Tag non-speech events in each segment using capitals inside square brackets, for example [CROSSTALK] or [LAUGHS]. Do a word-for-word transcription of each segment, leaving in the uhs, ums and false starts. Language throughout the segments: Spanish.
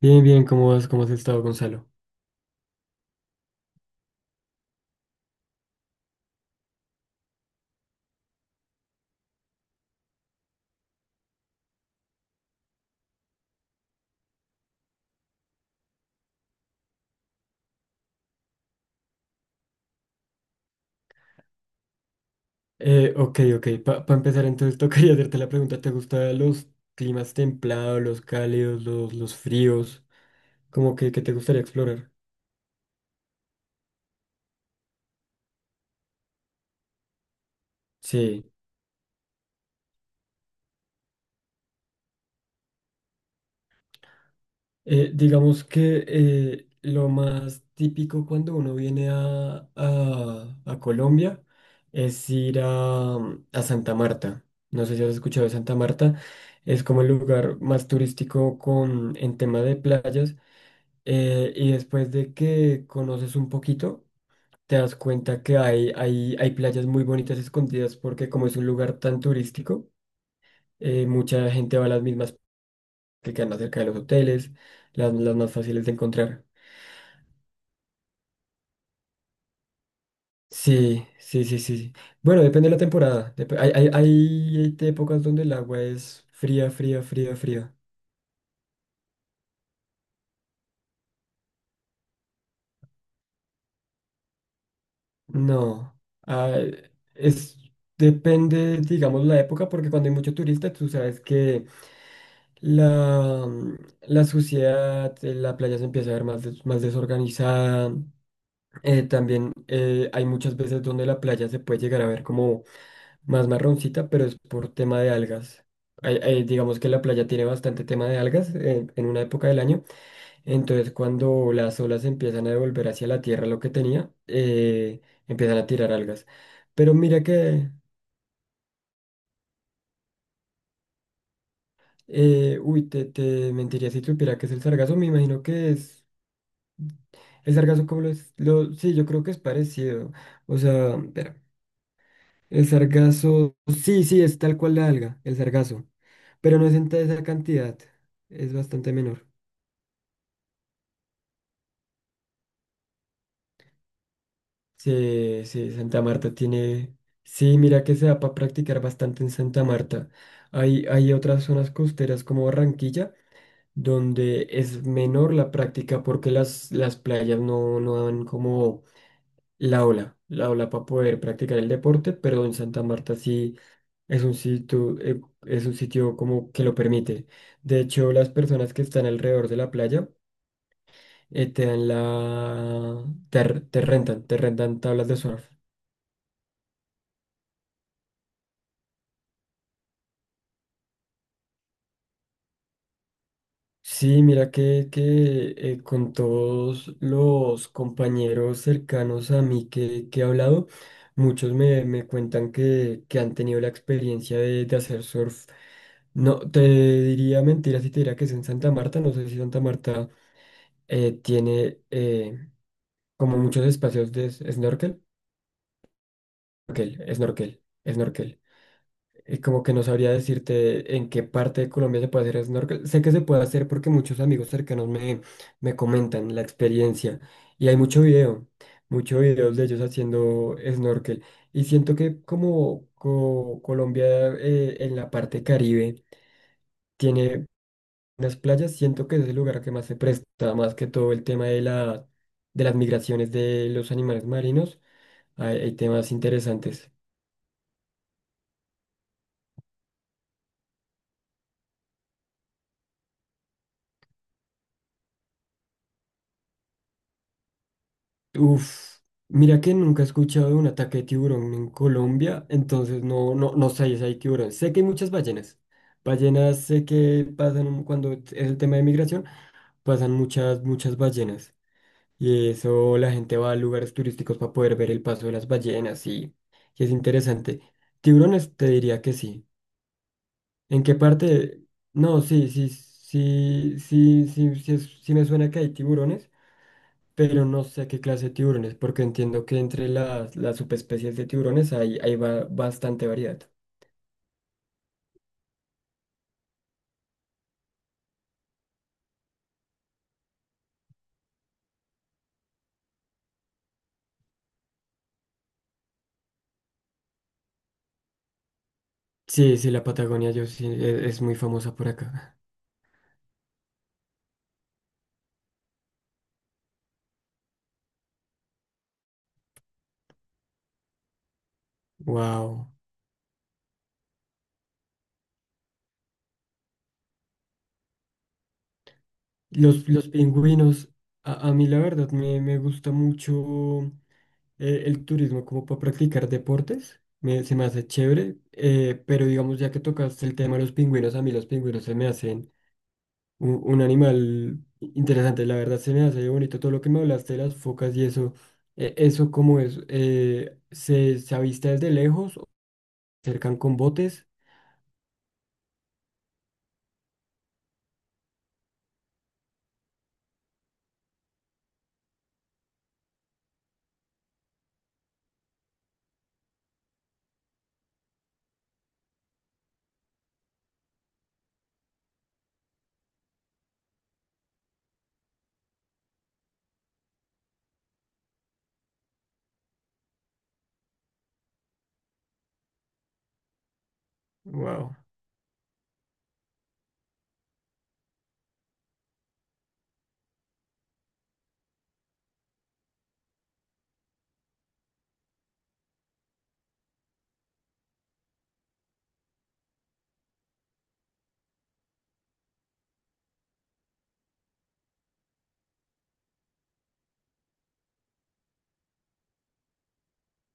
Bien, bien, ¿cómo vas? ¿Cómo has estado, Gonzalo? Eh, ok, ok. Para empezar, entonces tocaría [LAUGHS] hacerte la pregunta, ¿te gustan los climas templados, los cálidos, los, los fríos? ¿Cómo que, que te gustaría explorar? Sí. Eh, digamos que eh, lo más típico cuando uno viene a, a- a Colombia es ir a, a Santa Marta. No sé si has escuchado de Santa Marta. Es como el lugar más turístico con, en tema de playas. Eh, y después de que conoces un poquito, te das cuenta que hay, hay, hay playas muy bonitas escondidas porque como es un lugar tan turístico, eh, mucha gente va a las mismas que quedan más cerca de los hoteles, las las más fáciles de encontrar. Sí, sí, sí, sí, sí. Bueno, depende de la temporada. Dep- hay, hay, hay hay épocas donde el agua es fría, fría, fría, fría. No, ah, es, depende, digamos, la época, porque cuando hay mucho turista, tú sabes que la, mm, la suciedad, eh, la playa se empieza a ver más, des- más desorganizada. Eh, también eh, hay muchas veces donde la playa se puede llegar a ver como más marroncita, pero es por tema de algas. Hay- hay- digamos que la playa tiene bastante tema de algas en, en una época del año, entonces cuando las olas empiezan a devolver hacia la tierra lo que tenía, eh, empiezan a tirar algas. Pero mira que, eh, uy, te, te mentiría si supiera que es el sargazo, me imagino que es... El sargazo, como lo es? Lo, sí, yo creo que es parecido. O sea, espera, el sargazo, sí, sí, es tal cual la alga, el sargazo, pero no es en esa cantidad, es bastante menor. Sí, sí, Santa Marta tiene. Sí, mira que se da para practicar bastante en Santa Marta. Hay, hay otras zonas costeras como Barranquilla, donde es menor la práctica porque las, las playas no, no dan como la ola, la ola para poder practicar el deporte, pero en Santa Marta sí es un sitio, eh, es un sitio como que lo permite. De hecho, las personas que están alrededor de la playa eh, te dan la, te, te rentan, te rentan tablas de surf. Sí, mira que, que eh, con todos los compañeros cercanos a mí que, que he hablado, muchos me, me cuentan que, que han tenido la experiencia de, de hacer surf. No, te diría mentira si te diría que es en Santa Marta. No sé si Santa Marta eh, tiene eh, como muchos espacios de s- snorkel. Snorkel, snorkel, snorkel. Y como que no sabría decirte en qué parte de Colombia se puede hacer snorkel. Sé que se puede hacer porque muchos amigos cercanos me, me comentan la experiencia. Y hay mucho video, mucho videos de ellos haciendo snorkel. Y siento que como co- Colombia eh, en la parte Caribe tiene unas playas, siento que es el lugar que más se presta, más que todo el tema de la, de las migraciones de los animales marinos. hay hay temas interesantes. Uf, mira que nunca he escuchado de un ataque de tiburón en Colombia, entonces no, no, no sé si hay tiburón. Sé que hay muchas ballenas. Ballenas sé que pasan cuando es el tema de migración, pasan muchas, muchas ballenas. Y eso la gente va a lugares turísticos para poder ver el paso de las ballenas y, y es interesante. Tiburones te diría que sí. ¿En qué parte? No, sí, sí, sí, sí, sí, sí, sí me suena que hay tiburones pero no sé qué clase de tiburones, porque entiendo que entre las, las subespecies de tiburones hay, hay ba- bastante variedad. Sí, sí, la Patagonia yo sí, e- es, muy famosa por acá. Wow. Los, los pingüinos, a, a mí la verdad me, me gusta mucho, eh, el turismo como para practicar deportes. Me, se me hace chévere, eh, pero digamos, ya que tocaste el tema de los pingüinos, a mí los pingüinos se me hacen un, un animal interesante. La verdad se me hace bonito todo lo que me hablaste de las focas y eso. Eh, ¿eso cómo es? Eh, ¿se, se avista desde lejos o se acercan con botes? Wow.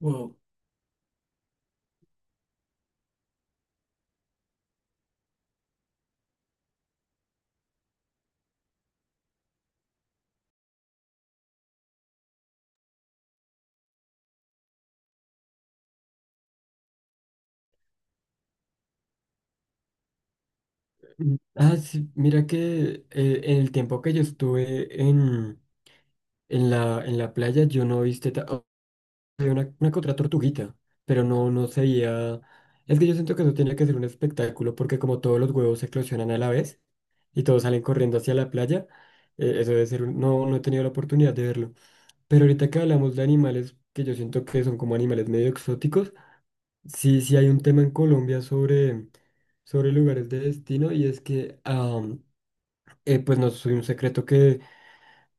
Wow. Mm. Ah, sí, mira que eh, en el tiempo que yo estuve en, en la, en la playa, yo no viste, había una, una que otra tortuguita, pero no, no se veía. Es que yo siento que eso tiene que ser un espectáculo, porque como todos los huevos se eclosionan a la vez y todos salen corriendo hacia la playa, eh, eso debe ser un- no, no he tenido la oportunidad de verlo. Pero ahorita que hablamos de animales, que yo siento que son como animales medio exóticos, sí, sí hay un tema en Colombia sobre, sobre lugares de destino y es que, am, eh, pues no soy un secreto que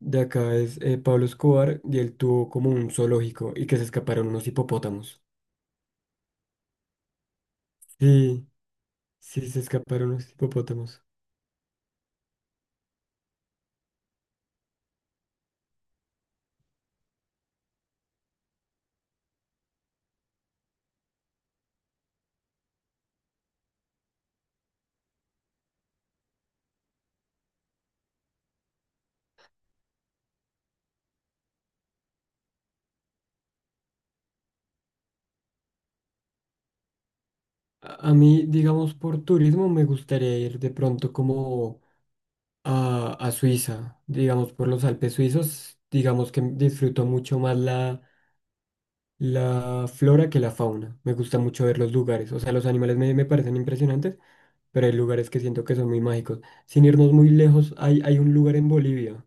de acá es eh, Pablo Escobar y él tuvo como un zoológico y que se escaparon unos hipopótamos. Sí. Sí, se escaparon los hipopótamos. A, a mí, digamos, por turismo me gustaría ir de pronto como a, a Suiza, digamos, por los Alpes suizos, digamos que disfruto mucho más la, la flora que la fauna. Me gusta mucho ver los lugares, o sea, los animales me, me parecen impresionantes, pero hay lugares que siento que son muy mágicos. Sin irnos muy lejos, hay, hay un lugar en Bolivia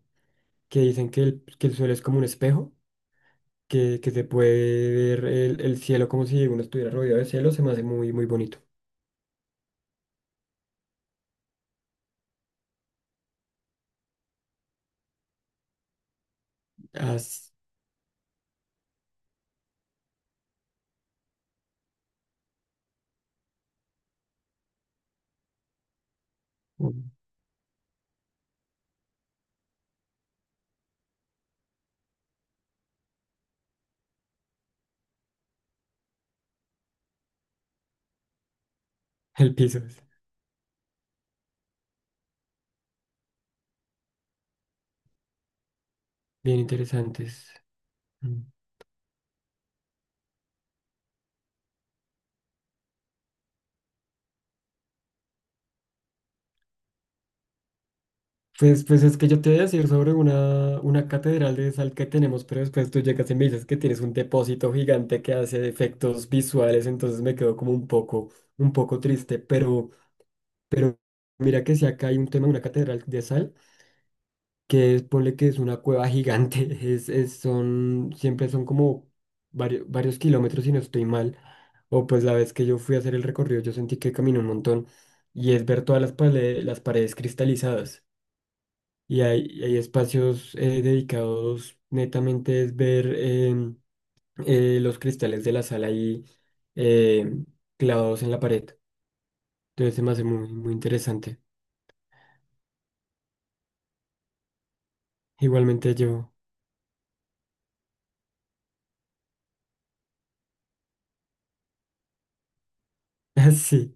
que dicen que el, que el suelo es como un espejo. Que, que se puede ver el, el cielo como si uno estuviera rodeado de cielo, se me hace muy, muy bonito. As- el piso, bien interesantes. Mm. Pues, pues es que yo te voy a decir sobre una, una catedral de sal que tenemos, pero después tú llegas y me dices que tienes un depósito gigante que hace efectos visuales, entonces me quedo como un poco, un poco triste, pero, pero mira que si acá hay un tema de una catedral de sal que es, ponle que es una cueva gigante, [LAUGHS] es, es- son, siempre son como varios, varios kilómetros si no estoy mal, o pues la vez que yo fui a hacer el recorrido yo sentí que caminé un montón, y es ver todas las, pale- las paredes cristalizadas, y hay, hay espacios eh, dedicados netamente es ver em, eh, los cristales de la sala ahí em, clavados en la pared, entonces se me hace muy, muy interesante. Igualmente yo, [LAUGHS] sí,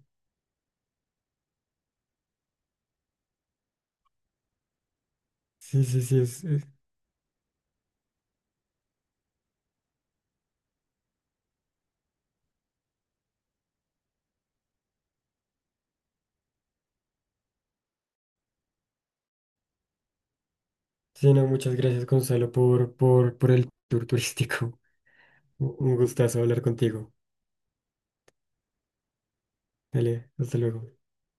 sí, sí, sí, es, Sí, no, muchas gracias, Gonzalo, por, por, por el tour turístico. [LAUGHS] Un un gustazo hablar contigo. Dale, hasta luego.